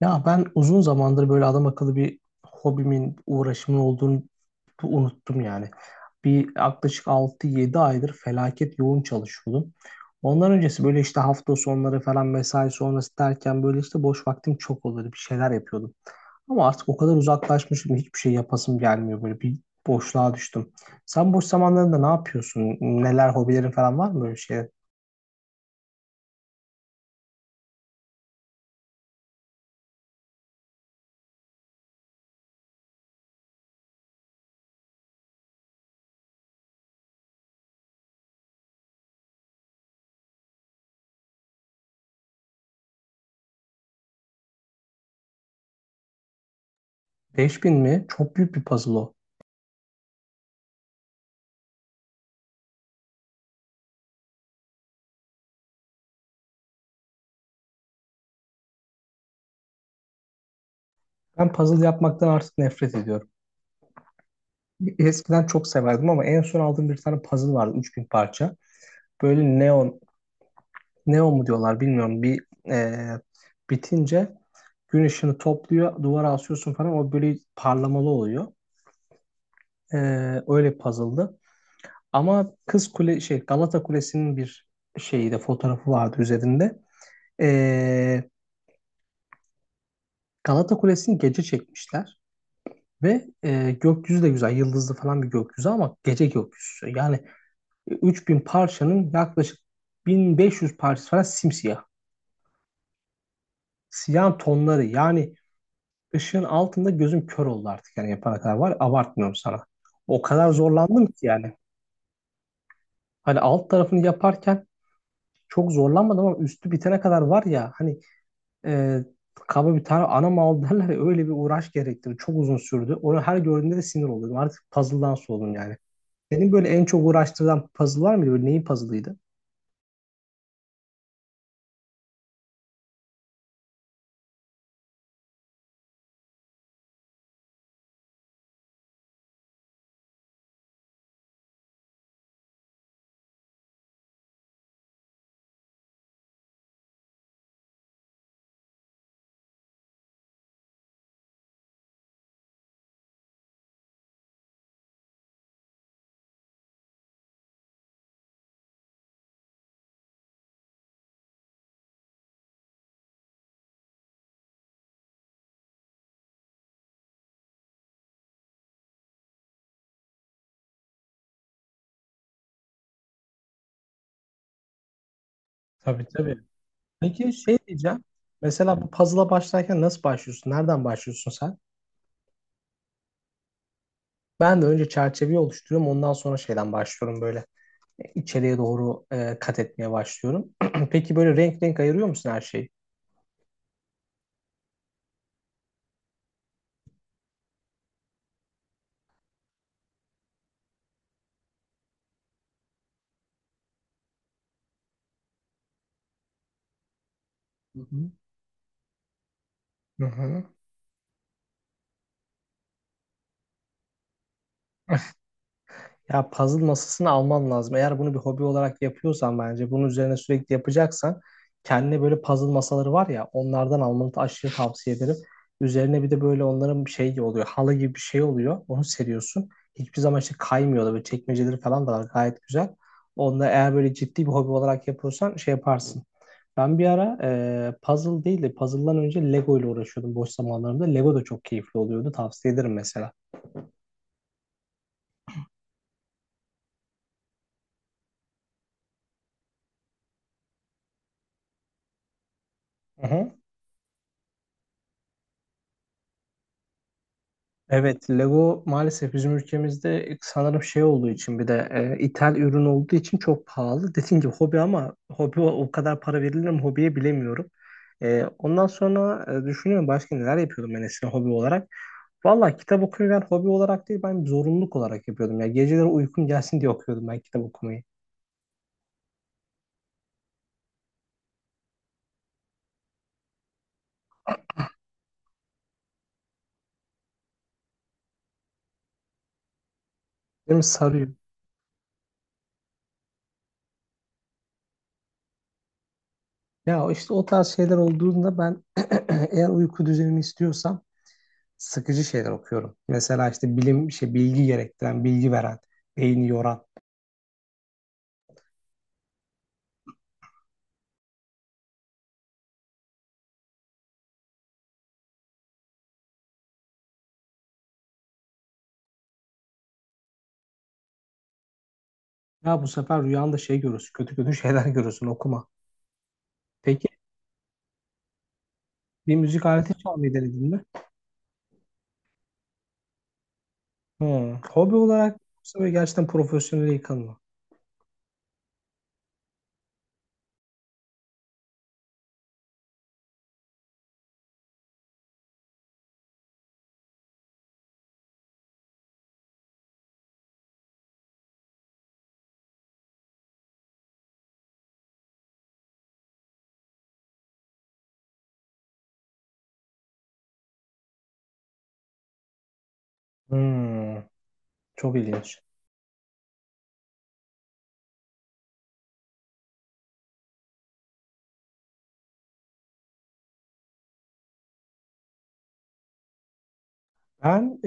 Ya ben uzun zamandır böyle adam akıllı bir hobimin, uğraşımın olduğunu unuttum yani. Bir yaklaşık 6-7 aydır felaket yoğun çalışıyordum. Ondan öncesi böyle işte hafta sonları falan mesai sonrası derken böyle işte boş vaktim çok oluyordu. Bir şeyler yapıyordum. Ama artık o kadar uzaklaşmışım hiçbir şey yapasım gelmiyor. Böyle bir boşluğa düştüm. Sen boş zamanlarında ne yapıyorsun? Neler hobilerin falan var mı böyle şey? 5000 mi? Çok büyük bir puzzle o. Ben puzzle yapmaktan artık nefret ediyorum. Eskiden çok severdim ama en son aldığım bir tane puzzle vardı 3000 parça. Böyle neon, neon mu diyorlar bilmiyorum. Bitince gün ışını topluyor, duvara asıyorsun falan. O böyle parlamalı oluyor. E, Öyle bir puzzle'dı. Ama Kız Kule şey Galata Kulesi'nin bir şeyi de fotoğrafı vardı üzerinde. E, Galata Kulesi'ni gece çekmişler ve gökyüzü de güzel, yıldızlı falan bir gökyüzü ama gece gökyüzü. Yani 3000 parçanın yaklaşık 1500 parçası falan simsiyah. Siyah tonları yani ışığın altında gözüm kör oldu artık yani yapana kadar var. Abartmıyorum sana. O kadar zorlandım ki yani. Hani alt tarafını yaparken çok zorlanmadım ama üstü bitene kadar var ya hani e, kaba bir tane ana mal derler ya, öyle bir uğraş gerektirdi. Çok uzun sürdü. Onu her gördüğümde de sinir oluyordum. Artık puzzle'dan soğudum yani. Senin böyle en çok uğraştırılan puzzle var mıydı? Böyle neyin puzzle'ıydı? Tabii, tabii. Peki şey diyeceğim. Mesela bu puzzle'a başlarken nasıl başlıyorsun? Nereden başlıyorsun sen? Ben de önce çerçeveyi oluşturuyorum. Ondan sonra şeyden başlıyorum böyle. İçeriye doğru kat etmeye başlıyorum. Peki böyle renk renk ayırıyor musun her şeyi? Hı hı. Hı hı. Ya puzzle masasını alman lazım. Eğer bunu bir hobi olarak yapıyorsan bence bunun üzerine sürekli yapacaksan kendine böyle puzzle masaları var ya onlardan almanı da aşırı tavsiye ederim. Üzerine bir de böyle onların bir şey oluyor. Halı gibi bir şey oluyor. Onu seriyorsun. Hiçbir zaman işte kaymıyor da böyle çekmeceleri falan da var gayet güzel. Onda eğer böyle ciddi bir hobi olarak yapıyorsan şey yaparsın. Ben bir ara puzzle değil de puzzle'dan önce Lego ile uğraşıyordum boş zamanlarımda. Lego da çok keyifli oluyordu. Tavsiye ederim mesela. Hı hı. Evet, Lego maalesef bizim ülkemizde sanırım şey olduğu için bir de ithal ürün olduğu için çok pahalı. Dediğim gibi hobi ama hobi o kadar para verilir mi hobiye bilemiyorum. Ondan sonra düşünüyorum başka neler yapıyordum ben eskiden hobi olarak. Valla kitap okumayı ben hobi olarak değil ben zorunluluk olarak yapıyordum. Ya geceleri uykum gelsin diye okuyordum ben kitap okumayı. Benim sarıyor. Ya işte o tarz şeyler olduğunda ben eğer uyku düzenimi istiyorsam sıkıcı şeyler okuyorum. Mesela işte bilim, şey, bilgi gerektiren, bilgi veren, beyni yoran. Ya bu sefer rüyanda şey görürsün, kötü kötü şeyler görürsün, okuma. Peki bir müzik aleti çalmayı denedin mi? Hmm. Hobi olarak yoksa böyle gerçekten profesyonele yıkılma. Hmm. Çok ilginç. Ben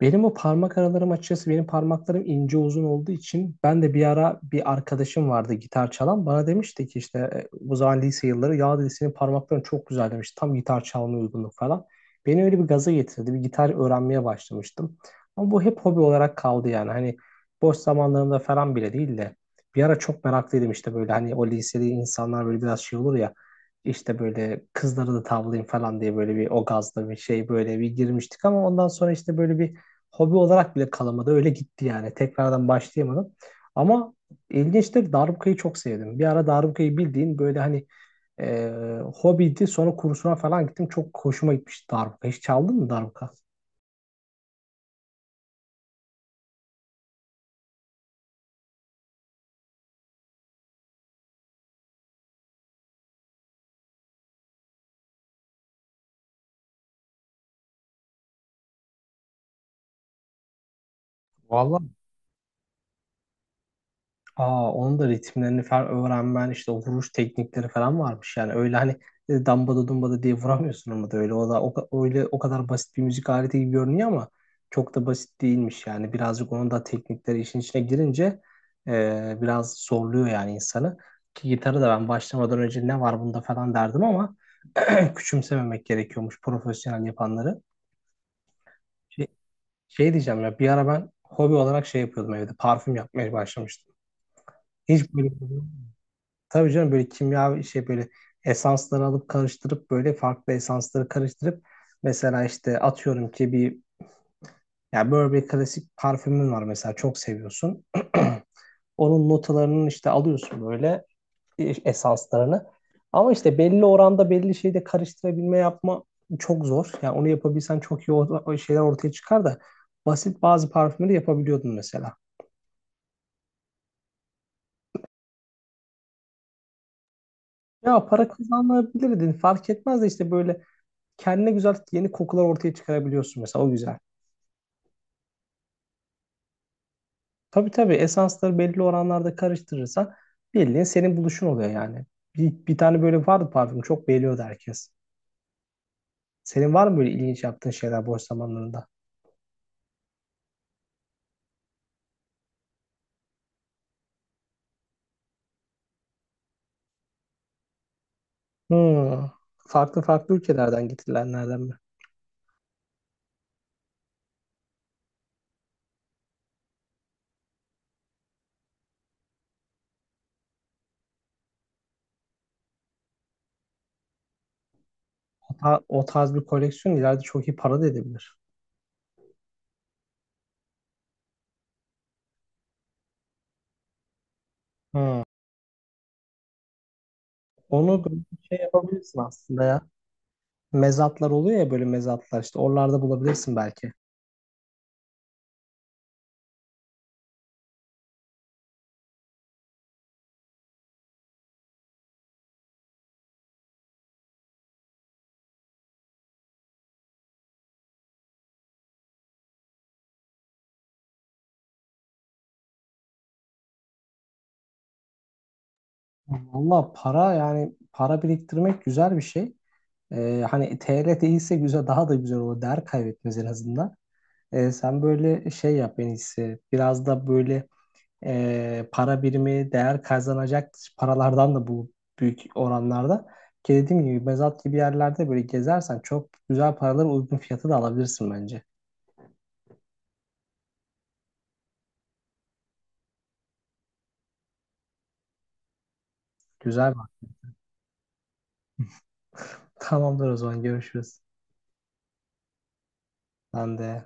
Benim o parmak aralarım açıkçası benim parmaklarım ince uzun olduğu için ben de bir ara bir arkadaşım vardı gitar çalan bana demişti ki işte bu zaman lise yılları ya dedi senin parmakların çok güzel demiş tam gitar çalmaya uygunluk falan. Beni öyle bir gaza getirdi bir gitar öğrenmeye başlamıştım ama bu hep hobi olarak kaldı yani hani boş zamanlarımda falan bile değil de bir ara çok meraklıydım işte böyle hani o liseli insanlar böyle biraz şey olur ya işte böyle kızları da tavlayayım falan diye böyle bir o gazla bir şey böyle bir girmiştik ama ondan sonra işte böyle bir hobi olarak bile kalamadı. Öyle gitti yani. Tekrardan başlayamadım. Ama ilginçtir. Darbukayı çok sevdim. Bir ara darbukayı bildiğin böyle hani e, hobiydi. Sonra kursuna falan gittim. Çok hoşuma gitmişti darbuka. Hiç çaldın mı darbuka? Vallahi. Aa, onun da ritimlerini falan öğrenmen işte o vuruş teknikleri falan varmış yani öyle hani dambada dumbada diye vuramıyorsun ama da öyle o da öyle o kadar basit bir müzik aleti gibi görünüyor ama çok da basit değilmiş yani birazcık onun da teknikleri işin içine girince biraz zorluyor yani insanı ki gitarı da ben başlamadan önce ne var bunda falan derdim ama küçümsememek gerekiyormuş profesyonel yapanları. Şey, Şey, diyeceğim ya bir ara ben hobi olarak şey yapıyordum evde parfüm yapmaya başlamıştım. Hiç böyle Tabii canım böyle kimya şey böyle esansları alıp karıştırıp böyle farklı esansları karıştırıp mesela işte atıyorum ki ya böyle bir klasik parfümün var mesela çok seviyorsun. Onun notalarının işte alıyorsun böyle esanslarını. Ama işte belli oranda belli şeyde karıştırabilme yapma çok zor. Yani onu yapabilsen çok iyi o şeyler ortaya çıkar da basit bazı parfümleri yapabiliyordun mesela. Ya para kazanabilirdin fark etmez de işte böyle kendine güzel yeni kokular ortaya çıkarabiliyorsun mesela o güzel. Tabii, tabii, esansları belli oranlarda karıştırırsan bildiğin senin buluşun oluyor yani. Bir tane böyle vardı parfüm çok beğeniyordu herkes. Senin var mı böyle ilginç yaptığın şeyler boş zamanlarında? Hmm. Farklı farklı ülkelerden getirilenlerden mi? O tarz bir koleksiyon ileride çok iyi para da edebilir. Hmm. Onu böyle bir şey yapabilirsin aslında ya. Mezatlar oluyor ya böyle mezatlar işte oralarda bulabilirsin belki. Valla para yani para biriktirmek güzel bir şey. Hani TR değilse güzel daha da güzel olur. Değer kaybetmez en azından. Sen böyle şey yap en iyisi. Biraz da böyle para birimi değer kazanacak paralardan da bu büyük oranlarda. Ki dediğim gibi mezat gibi yerlerde böyle gezersen çok güzel paraları uygun fiyatı da alabilirsin bence. Güzel bak. Tamamdır o zaman görüşürüz. Ben de.